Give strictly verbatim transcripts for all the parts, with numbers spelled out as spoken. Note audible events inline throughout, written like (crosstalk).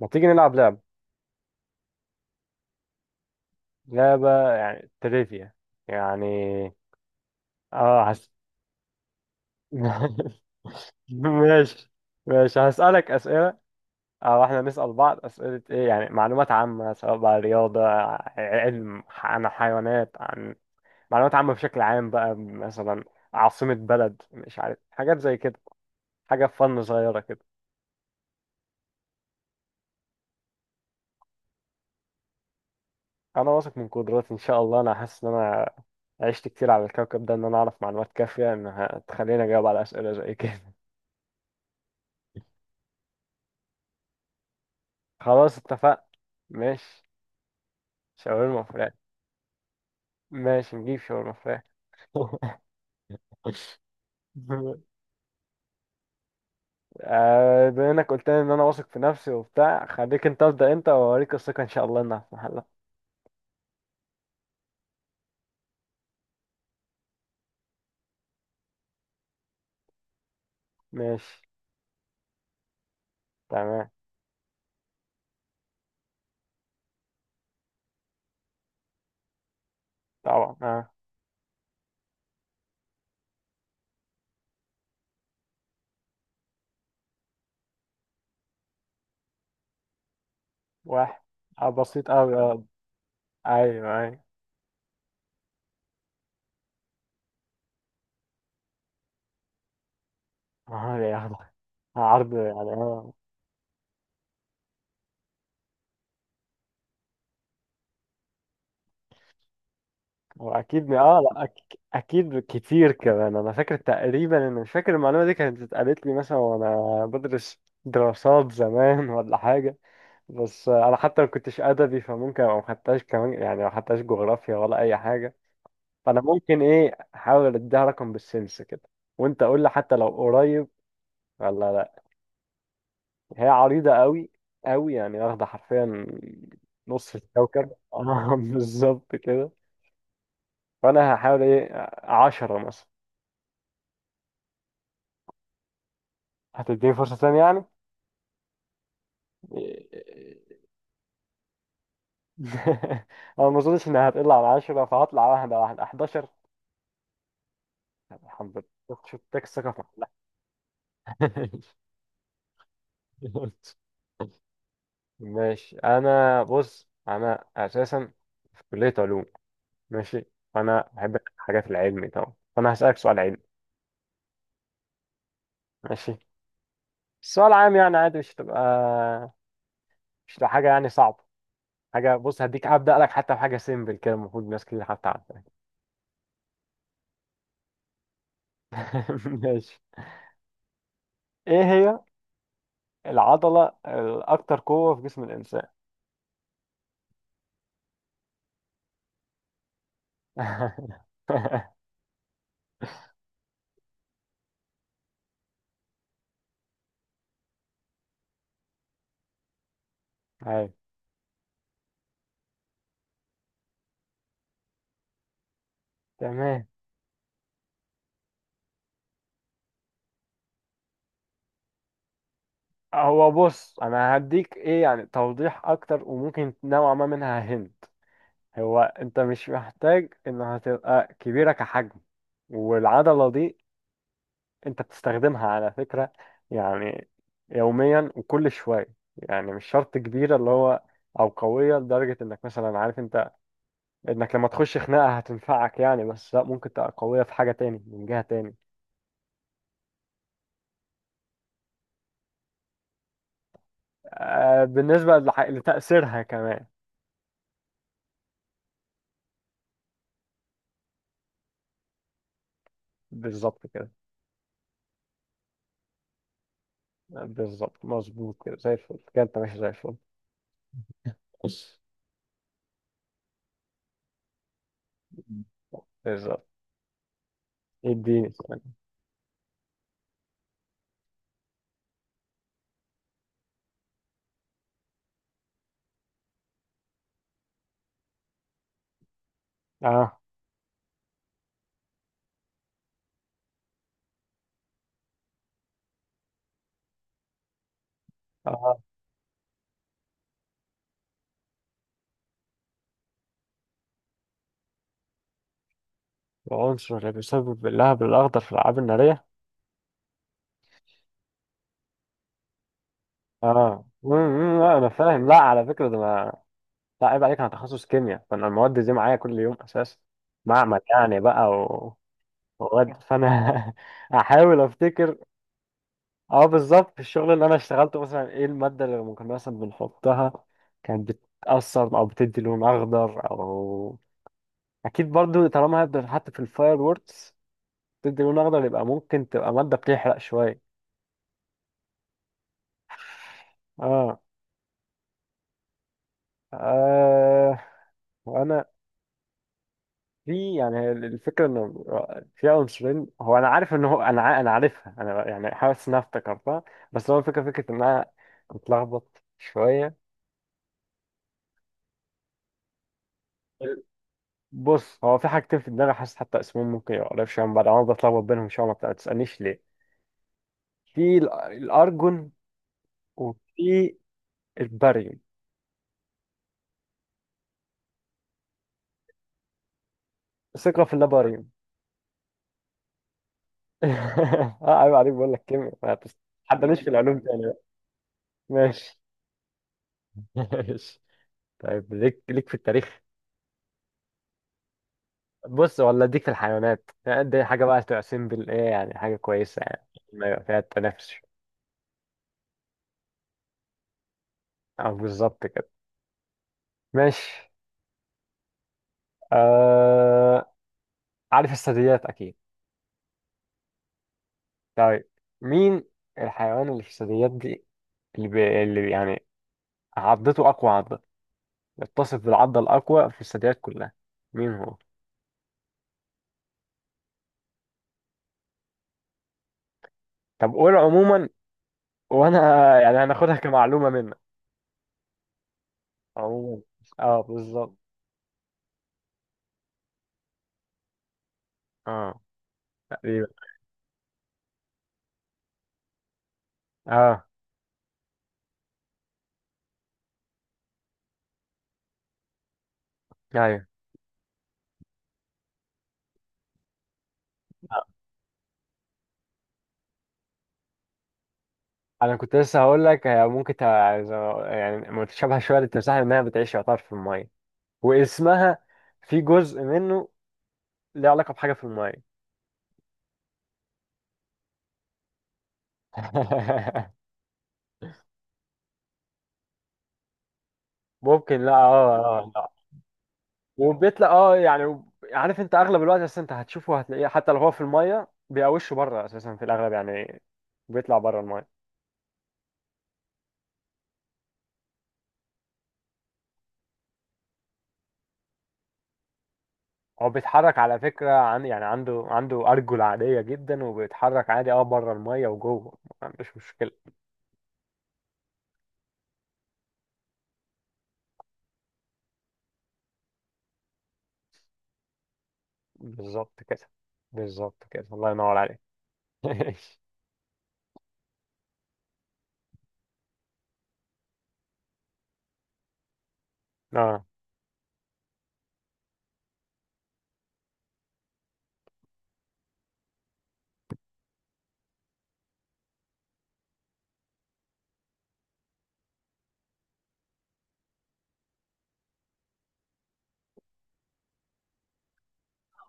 ما تيجي نلعب لعبة؟ لعبة يعني تريفيا يعني. اه، هس... (laughs) ماشي. ماشي، هسألك أسئلة أو إحنا نسأل بعض أسئلة، إيه يعني معلومات عامة، سواء بقى رياضة، علم، عن حيوانات، عن معلومات عامة بشكل عام بقى. مثلا عاصمة بلد، مش عارف، حاجات زي كده، حاجة فن صغيرة كده. أنا واثق من قدراتي إن شاء الله، أنا حاسس إن أنا عشت كتير على الكوكب ده، إن أنا أعرف معلومات كافية إنها تخليني أجاوب على أسئلة زي كده. خلاص اتفقنا. ماشي. شاورما فراخ. ماشي نجيب شاورما فراخ. (laughs) آه، بما انك قلت لي ان انا واثق في نفسي وبتاع، خليك انت ابدا انت، واوريك الثقه ان شاء الله انها في محلها. ماشي. تمام. طبعا، اه. واحد. آه بسيط قوي، اه. ايوه ايوه. اه يا أخي. عرض يعني، اه. هو اكيد م- اه، لا أك... اكيد كتير كمان. انا فاكر تقريبا، انا مش فاكر، المعلومه دي كانت اتقالت لي مثلا وانا بدرس دراسات زمان ولا حاجه. بس انا حتى ما كنتش ادبي، فممكن ابقى ما خدتهاش كمان، يعني ما خدتهاش جغرافيا ولا اي حاجه. فانا ممكن ايه، احاول اديها رقم بالسنس كده، وانت قول لي حتى لو قريب ولا لا. هي عريضه قوي قوي، يعني واخده حرفيا نص الكوكب. (laughs) اه بالظبط كده. فانا هحاول ايه، عشرة مثلا. هتديني فرصه تانية يعني؟ (laughs) انا ما اظنش انها هتقل عن عشرة، فهطلع واحده واحده حداشر. الحمد لله، شفت شفت الثقه في محلها. (laughs) (laughs) قلت ماشي. انا بص، انا اساسا في كليه علوم. ماشي. فانا بحب حاجات العلمي طبعا، فانا هسالك سؤال علمي. ماشي. السؤال عام يعني، عادي، مش تبقى مش تبقى حاجه يعني صعبه. حاجه، بص، هديك ابدا لك حتى بحاجه سيمبل كده، المفروض ناس كتير حتى عارفاها. (laughs) ماشي. ايه هي العضله الاكثر قوه في جسم الانسان؟ (laughs) أيوة، تمام. هو بص، انا هديك ايه يعني توضيح اكتر، وممكن نوعا ما منها هنت. هو انت مش محتاج ان هتبقى كبيرة كحجم، والعضلة دي انت بتستخدمها على فكرة يعني يوميا وكل شوية، يعني مش شرط كبيرة اللي هو، او قوية لدرجة انك مثلا، عارف انت، انك لما تخش خناقة هتنفعك يعني، بس لا، ممكن تبقى قوية في حاجة تاني من جهة تاني. آه بالنسبة لح- لتأثيرها كمان. بالظبط كده. بالظبط، مظبوط كده، زي الفل كده، انت ماشي زي الفل. بص، بالظبط. اديني سؤال. اه اه. العنصر اللي بيسبب اللهب الأخضر في الألعاب النارية. اه، مم، مم، لا أنا فاهم، لا على فكرة ده ما. لا عيب عليك، أنا تخصص كيمياء، فأنا المواد دي معايا كل يوم أساسا. معمل يعني بقى، و- ومواد، فأنا (laughs) أحاول أفتكر. اه بالظبط، في الشغل اللي أنا اشتغلته مثلا، إيه المادة اللي كنا مثلا بنحطها، كانت بتأثر أو بتدي لون أخضر. أو أكيد برضو طالما هبدأ حتى في الفاير ووركس بتدي لون أخضر، يبقى ممكن تبقى مادة بتحرق شوية. اه. آه، وانا في، يعني هي الفكره انه في عنصرين. هو انا عارف ان هو، انا ع- انا عارفها، انا يعني حاسس انها افتكرتها. بس هو الفكره، فكره ان انا متلخبط شويه. بص هو في حاجتين في دماغي، حاسس حتى اسمهم ممكن يبقى قريب شويه من بعض، انا بتلخبط بينهم شويه. ما بتاع- ما تسالنيش ليه. في ال- الارجون، وفي الباريوم. ثقه في اللاباريوم. (laughs) اه عيب عليك، بقول لك كيمياء ما تس- تحدانيش في العلوم تاني بقى. ماشي. (laughs) ماشي. طيب، ليك ليك في التاريخ. بص، ولا اديك في الحيوانات، يعني دي حاجه بقى تبقى سيمبل، ايه يعني حاجه كويسه يعني، ما يبقى فيها التنافس شوية. او بالظبط كده. ماشي. آه... عارف الثدييات اكيد. طيب مين الحيوان اللي في الثدييات دي، اللي, بي... اللي يعني عضته اقوى عضه، يتصف بالعضه الاقوى في الثدييات كلها؟ مين هو؟ طب قول عموما، وانا (laughs) يعني هناخدها كمعلومه منك. عموما، اه بالظبط. اه تقريبا. اه ايوه. انا كنت لسه هقول لك هي ممكن تع- زي- يعني متشابهه شويه للتمساح، انها بتعيش يعتبر في الميه، واسمها في جزء منه ليه علاقه بحاجه في الميه. (laughs) ممكن، لا اه اه، آه، لا. وبيطلع، اه يعني، عارف انت اغلب الوقت، بس انت هتشوفه، هتلاقيه حتى لو هو في الميه بيقوشه بره اساسا في الاغلب يعني، بيطلع بره الميه. هو بيتحرك على فكره، عن يعني عنده عنده ارجل عاديه جدا وبيتحرك عادي، اه بره الميه وجوه ما عندوش مشكله. بالظبط كده. بالظبط كده، الله ينور عليك. (laughs) اه.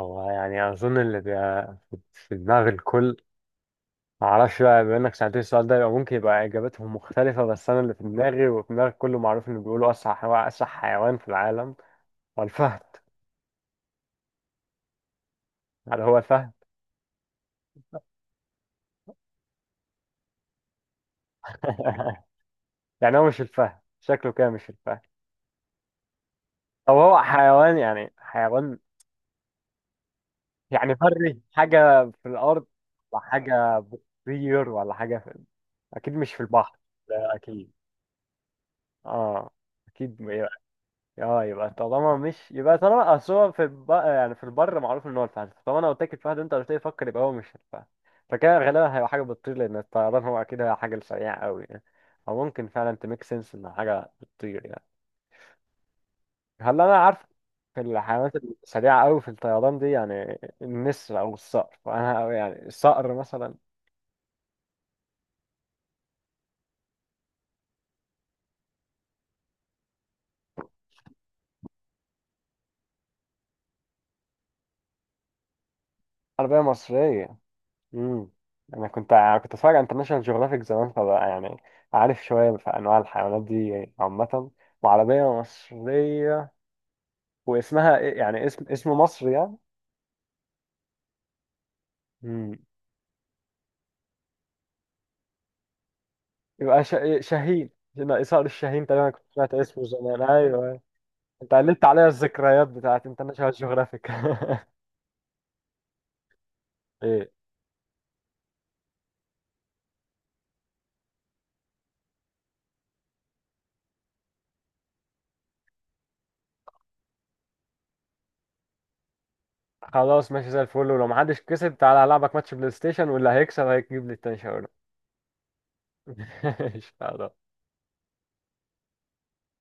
هو يعني اظن اللي بيبقى في دماغ الكل، معرفش بقى بما انك سألتني السؤال ده يبقى ممكن يبقى اجابتهم مختلفة، بس انا اللي في دماغي وفي دماغ كله، معروف انه بيقولوا اسرع حيوان، اسرع حيوان في العالم هو الفهد. هل هو الفهد؟ (laughs) يعني هو مش الفهد؟ شكله كده مش الفهد. او هو حيوان، يعني حيوان يعني بري، حاجة في الارض، وحاجة بتطير، ولا حاجة في... اكيد مش في البحر، ده اكيد. اه اكيد. اه يبقى طالما مش، يبقى طالما، اصل هو في الب... يعني في البر معروف ان هو الفهد، طالما انا قلت لك الفهد انت قلت لي فكر، يبقى هو مش الفهد. فكده غالبا هيبقى حاجه بتطير، لان الطيران هو اكيد هي حاجه سريعه قوي يعني، او ممكن فعلا تميك سنس ان حاجه بتطير يعني. هل انا عارف في الحيوانات السريعه قوي في الطيران دي؟ يعني النسر او الصقر، فانا يعني الصقر مثلا. عربيه مصريه، امم. انا كنت ع- كنت اتفرج على انترناشونال جيوغرافيك زمان، فبقى يعني عارف شويه في انواع الحيوانات دي عامه، وعربيه ومصريه، واسمها ايه يعني، اسم اسم مصر يعني. امم. يبقى ش... إيه، شاهين. هنا صقر الشاهين، تقريبا كنت سمعت اسمه زمان، ايوه. انت قللت عليا الذكريات بتاعت انترناشونال جيوغرافيك. (laughs) ايه. خلاص ماشي زي الفل، ولو محدش كسب تعالى العبك ماتش بلاي ستيشن واللي هيكسب هيجيب لي التاني شاورما. (laughs) ماشي خلاص.